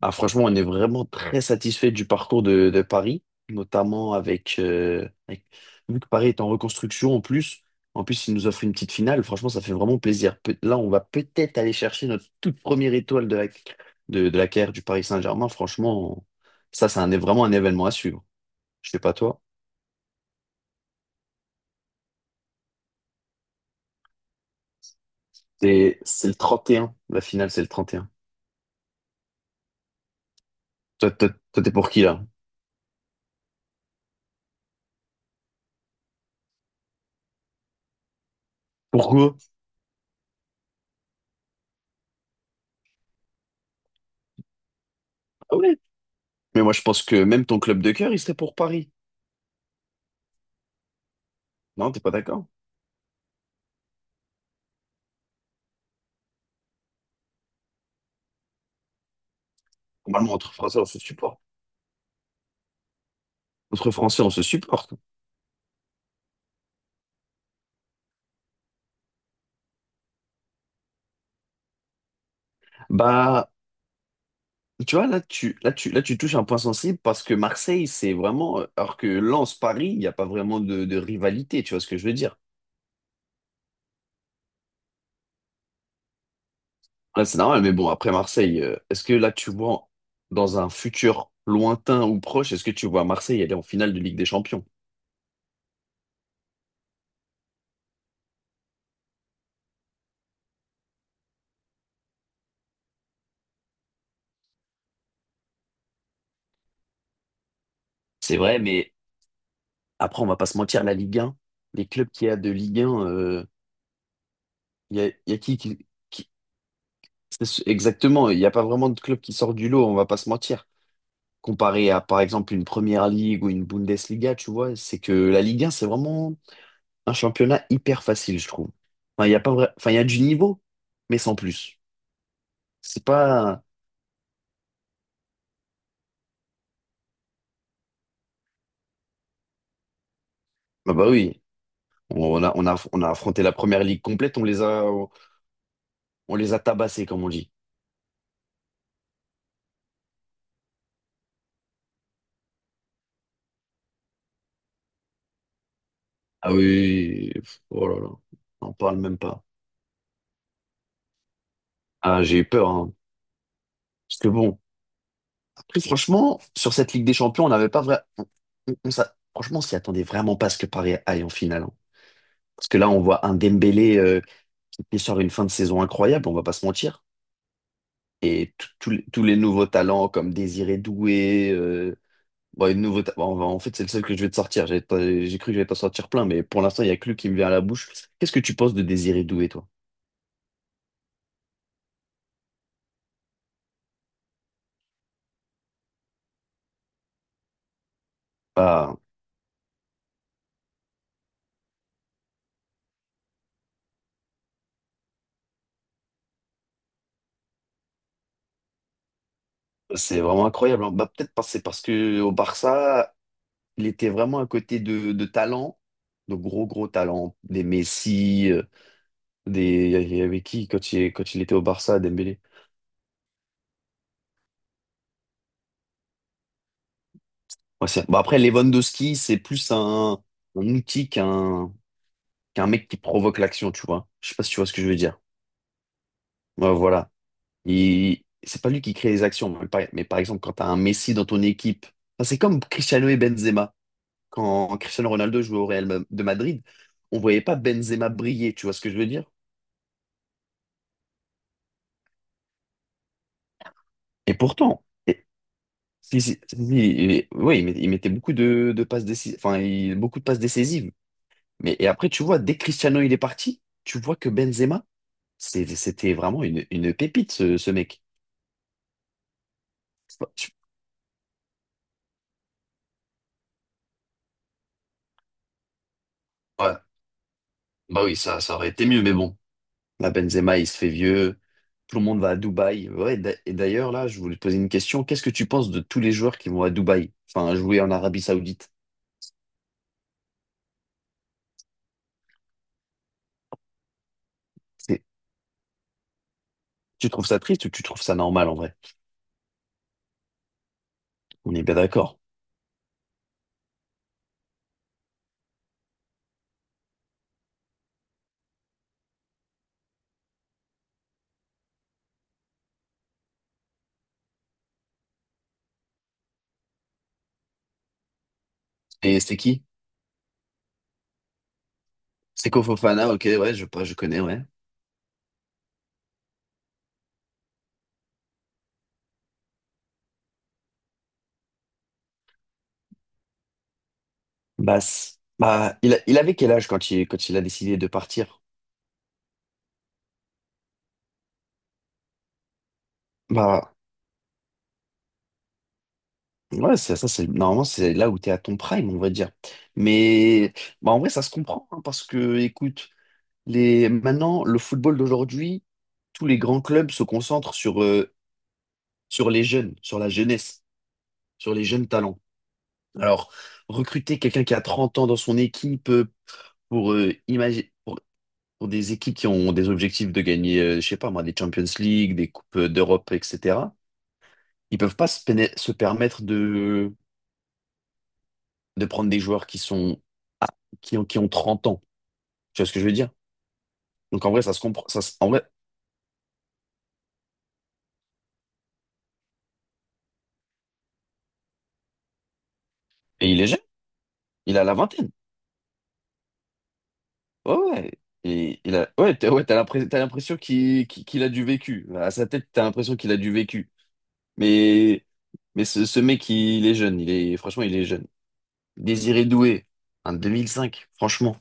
Ah, franchement, on est vraiment très satisfait du parcours de Paris, notamment vu que Paris est en reconstruction, en plus, il nous offre une petite finale. Franchement, ça fait vraiment plaisir. Là, on va peut-être aller chercher notre toute première étoile de la carrière du Paris Saint-Germain. Franchement, ça, c'est vraiment un événement à suivre. Je sais pas toi. C'est le 31. La finale, c'est le 31. Toi, t'es pour qui, là? Pourquoi? Ah ouais. Mais moi, je pense que même ton club de cœur, il serait pour Paris. Non, t'es pas d'accord? Normalement, entre Français, on se supporte. Entre Français, on se supporte. Bah, tu vois, là, tu touches un point sensible parce que Marseille, c'est vraiment. Alors que Lens, Paris, il n'y a pas vraiment de rivalité, tu vois ce que je veux dire? Là, c'est normal, mais bon, après Marseille, est-ce que là, tu vois, dans un futur lointain ou proche, est-ce que tu vois Marseille aller en finale de Ligue des Champions? C'est vrai, mais après, on va pas se mentir, la Ligue 1, les clubs qu'il y a de Ligue 1, il y a qui, qui- exactement, il n'y a pas vraiment de club qui sort du lot, on va pas se mentir. Comparé à, par exemple, une Première Ligue ou une Bundesliga, tu vois, c'est que la Ligue 1, c'est vraiment un championnat hyper facile, je trouve. Enfin, il y a pas vrai- enfin, il y a du niveau, mais sans plus. C'est pas... Bah oui, on a affronté la Première Ligue complète, on les a tabassés, comme on dit. Ah oui, pff, oh là là, on n'en parle même pas. Ah, j'ai eu peur, hein. Parce que bon, après, franchement, sur cette Ligue des Champions, on n'avait pas vrai... on s'a- franchement, on s'y attendait vraiment pas à ce que Paris aille en finale, hein. Parce que là, on voit un Dembélé qui sort une fin de saison incroyable, on va pas se mentir. Et tous les nouveaux talents comme Désiré Doué, bon, et nouveau ta- bon, on va- en fait, c'est le seul que je vais te sortir. J'ai pas- j'ai cru que j'allais t'en sortir plein, mais pour l'instant, il y a que lui qui me vient à la bouche. Qu'est-ce que tu penses de Désiré Doué, toi? Bah, c'est vraiment incroyable, hein. Bah, peut-être c'est parce que au Barça, il était vraiment à côté de talents, de gros gros talents, des Messi. Il y avait qui quand il était au Barça, Dembélé? Ouais, bah après, Lewandowski, c'est plus un outil qu'un mec qui provoque l'action, tu vois. Je sais pas si tu vois ce que je veux dire. Ouais, voilà. C'est pas lui qui crée les actions. Mais par exemple, quand tu as un Messi dans ton équipe, enfin, c'est comme Cristiano et Benzema. Quand Cristiano Ronaldo jouait au Real Ma- de Madrid, on voyait pas Benzema briller, tu vois ce que je veux dire? Et pourtant, si, si, si, si, oui, il mettait beaucoup de passes décisives, enfin, beaucoup de passes décisives. Mais et après, tu vois, dès que Cristiano il est parti, tu vois que Benzema, c'était vraiment une pépite, ce mec. C'est pas- je- Ouais, bah oui, ça aurait été mieux, mais bon. Là, Benzema, il se fait vieux. Tout le monde va à Dubaï. Ouais, et d'ailleurs, là, je voulais te poser une question. Qu'est-ce que tu penses de tous les joueurs qui vont à Dubaï, enfin, jouer en Arabie Saoudite? C'est- Tu trouves ça triste ou tu trouves ça normal en vrai? On est bien d'accord. Et c'est qui? Seko Fofana, ok, ouais, je connais, ouais. Bah, c- bah, il avait quel âge quand il a décidé de partir? Bah ouais, c'est ça, c'est normalement c'est là où tu es à ton prime, on va dire. Mais bah, en vrai, ça se comprend, hein, parce que écoute, les maintenant le football d'aujourd'hui, tous les grands clubs se concentrent sur les jeunes, sur la jeunesse, sur les jeunes talents. Alors, recruter quelqu'un qui a 30 ans dans son équipe pour euh, imagi- pour, pour des équipes qui ont des objectifs de gagner je sais pas moi des Champions League, des coupes d'Europe, etc. Ils peuvent pas se permettre de prendre des joueurs qui sont ah, qui ont 30 ans. Tu vois ce que je veux dire? Donc en vrai, ça se comprend. En vrai, et il est jeune, il a la vingtaine. Ouais, ouais. Ouais, t'as l'impression qu'il a du vécu. Bah, à sa tête, t'as l'impression qu'il a du vécu. Mais, mais ce mec, il est jeune. Il est, franchement, il est jeune. Désiré Doué, un 2005 franchement.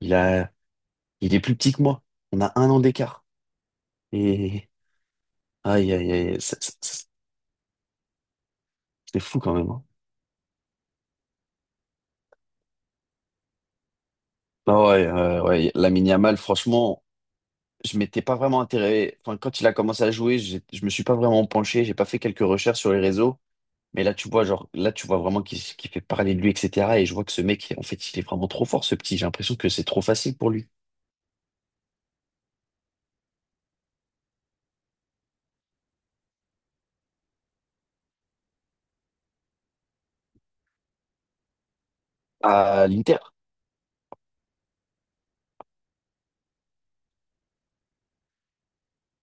Il a, il est plus petit que moi. On a un an d'écart. Et aïe, aïe, aïe, c'est fou quand même, hein. Ah ouais, ouais, Lamine Yamal, franchement, je m'étais pas vraiment intéressé. Enfin, quand il a commencé à jouer, je me suis pas vraiment penché. J'ai pas fait quelques recherches sur les réseaux. Mais là, tu vois, genre, là, tu vois vraiment qu'il fait parler de lui, etc. Et je vois que ce mec, en fait, il est vraiment trop fort, ce petit. J'ai l'impression que c'est trop facile pour lui. À l'Inter.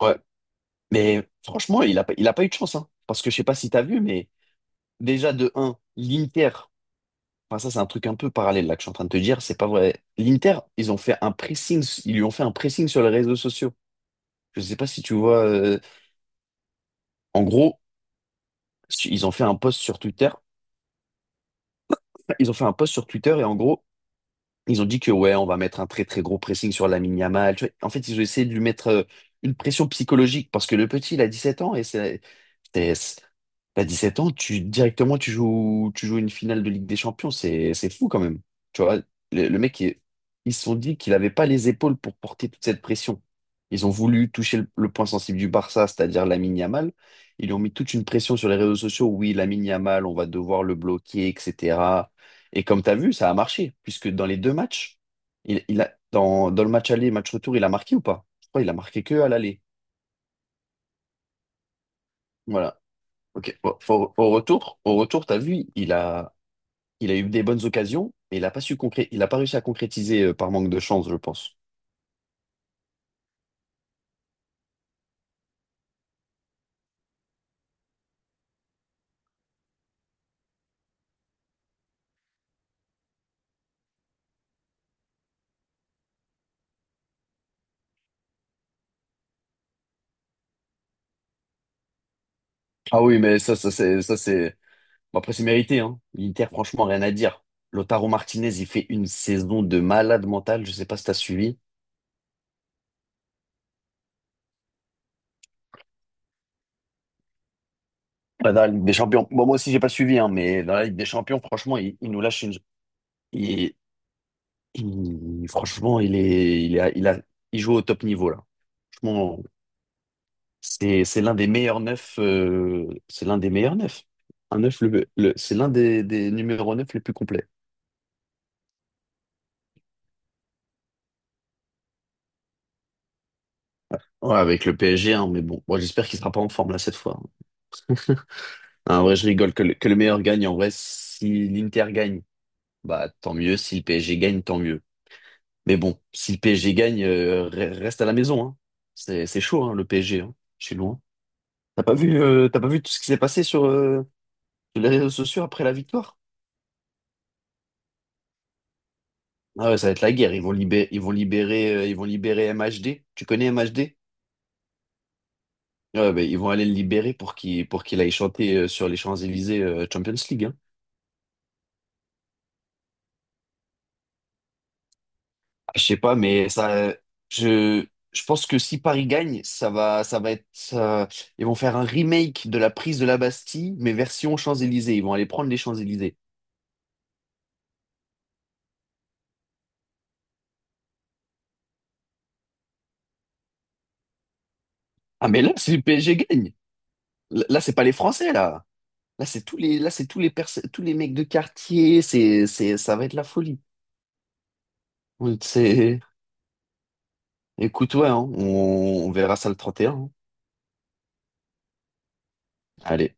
Ouais. Mais franchement, il a pas eu de chance, hein. Parce que je sais pas si t'as vu, mais déjà, de un l'Inter. Enfin, ça, c'est un truc un peu parallèle, là, que je suis en train de te dire. C'est pas vrai. L'Inter, ils ont fait un pressing. Ils lui ont fait un pressing sur les réseaux sociaux. Je sais pas si tu vois. En gros, ils ont fait un post sur Twitter. Enfin, ils ont fait un post sur Twitter et en gros, ils ont dit que ouais, on va mettre un très très gros pressing sur Lamine Yamal. Tu vois, en fait, ils ont essayé de lui mettre une pression psychologique parce que le petit, il a 17 ans et c'est- c'est- t'as 7 ans, tu joues une finale de Ligue des Champions, c'est fou quand même. Tu vois, le mec, ils se sont dit qu'il n'avait pas les épaules pour porter toute cette pression. Ils ont voulu toucher le point sensible du Barça, c'est-à-dire Lamine Yamal. Ils lui ont mis toute une pression sur les réseaux sociaux. Oui, Lamine Yamal, on va devoir le bloquer, etc. Et comme tu as vu, ça a marché, puisque dans les deux matchs, dans le match aller match retour, il a marqué ou pas? Je crois qu'il a marqué que à l'aller. Voilà. Ok. Bon, au retour, t'as vu, il a eu des bonnes occasions, mais il a pas réussi à concrétiser par manque de chance, je pense. Ah oui, mais ça c'est, ça c'est. Bon, après, c'est mérité, hein. L'Inter, franchement, rien à dire. Lautaro Martinez, il fait une saison de malade mental. Je sais pas si t'as suivi. Bah, dans la Ligue des Champions. Bon, moi aussi, j'ai pas suivi, hein, mais dans la Ligue des Champions, franchement, il nous lâche une. il- franchement, il est, il a, il a, il joue au top niveau là. Franchement, c'est l'un des meilleurs neufs. C'est l'un des meilleurs neufs. Un neuf, c'est l'un des numéros neuf les plus complets. Ouais, avec le PSG, hein, mais bon, moi j'espère qu'il sera pas en forme là cette fois, hein. En vrai, je rigole que le meilleur gagne. En vrai, si l'Inter gagne, bah tant mieux. Si le PSG gagne, tant mieux. Mais bon, si le PSG gagne, reste à la maison, hein. C'est chaud, hein, le PSG, hein. Je suis loin. T'as pas vu tout ce qui s'est passé sur, sur les réseaux sociaux après la victoire? Ah ouais, ça va être la guerre. Ils vont libérer, ils vont libérer, ils vont libérer MHD. Tu connais MHD? Ouais, ben, ils vont aller le libérer pour qu'il aille chanter sur les Champs-Élysées Champions League, hein. Ah, je sais pas, mais ça, je, je pense que si Paris gagne, ça va être, ça- ils vont faire un remake de la prise de la Bastille, mais version Champs-Élysées. Ils vont aller prendre les Champs-Élysées. Ah mais là, si le PSG gagne, là là, c'est pas les Français là. Là c'est tous les, là c'est tous les mecs de quartier. Ça va être la folie. C'est... Écoute, ouais, hein, On verra ça le 31, hein. Allez.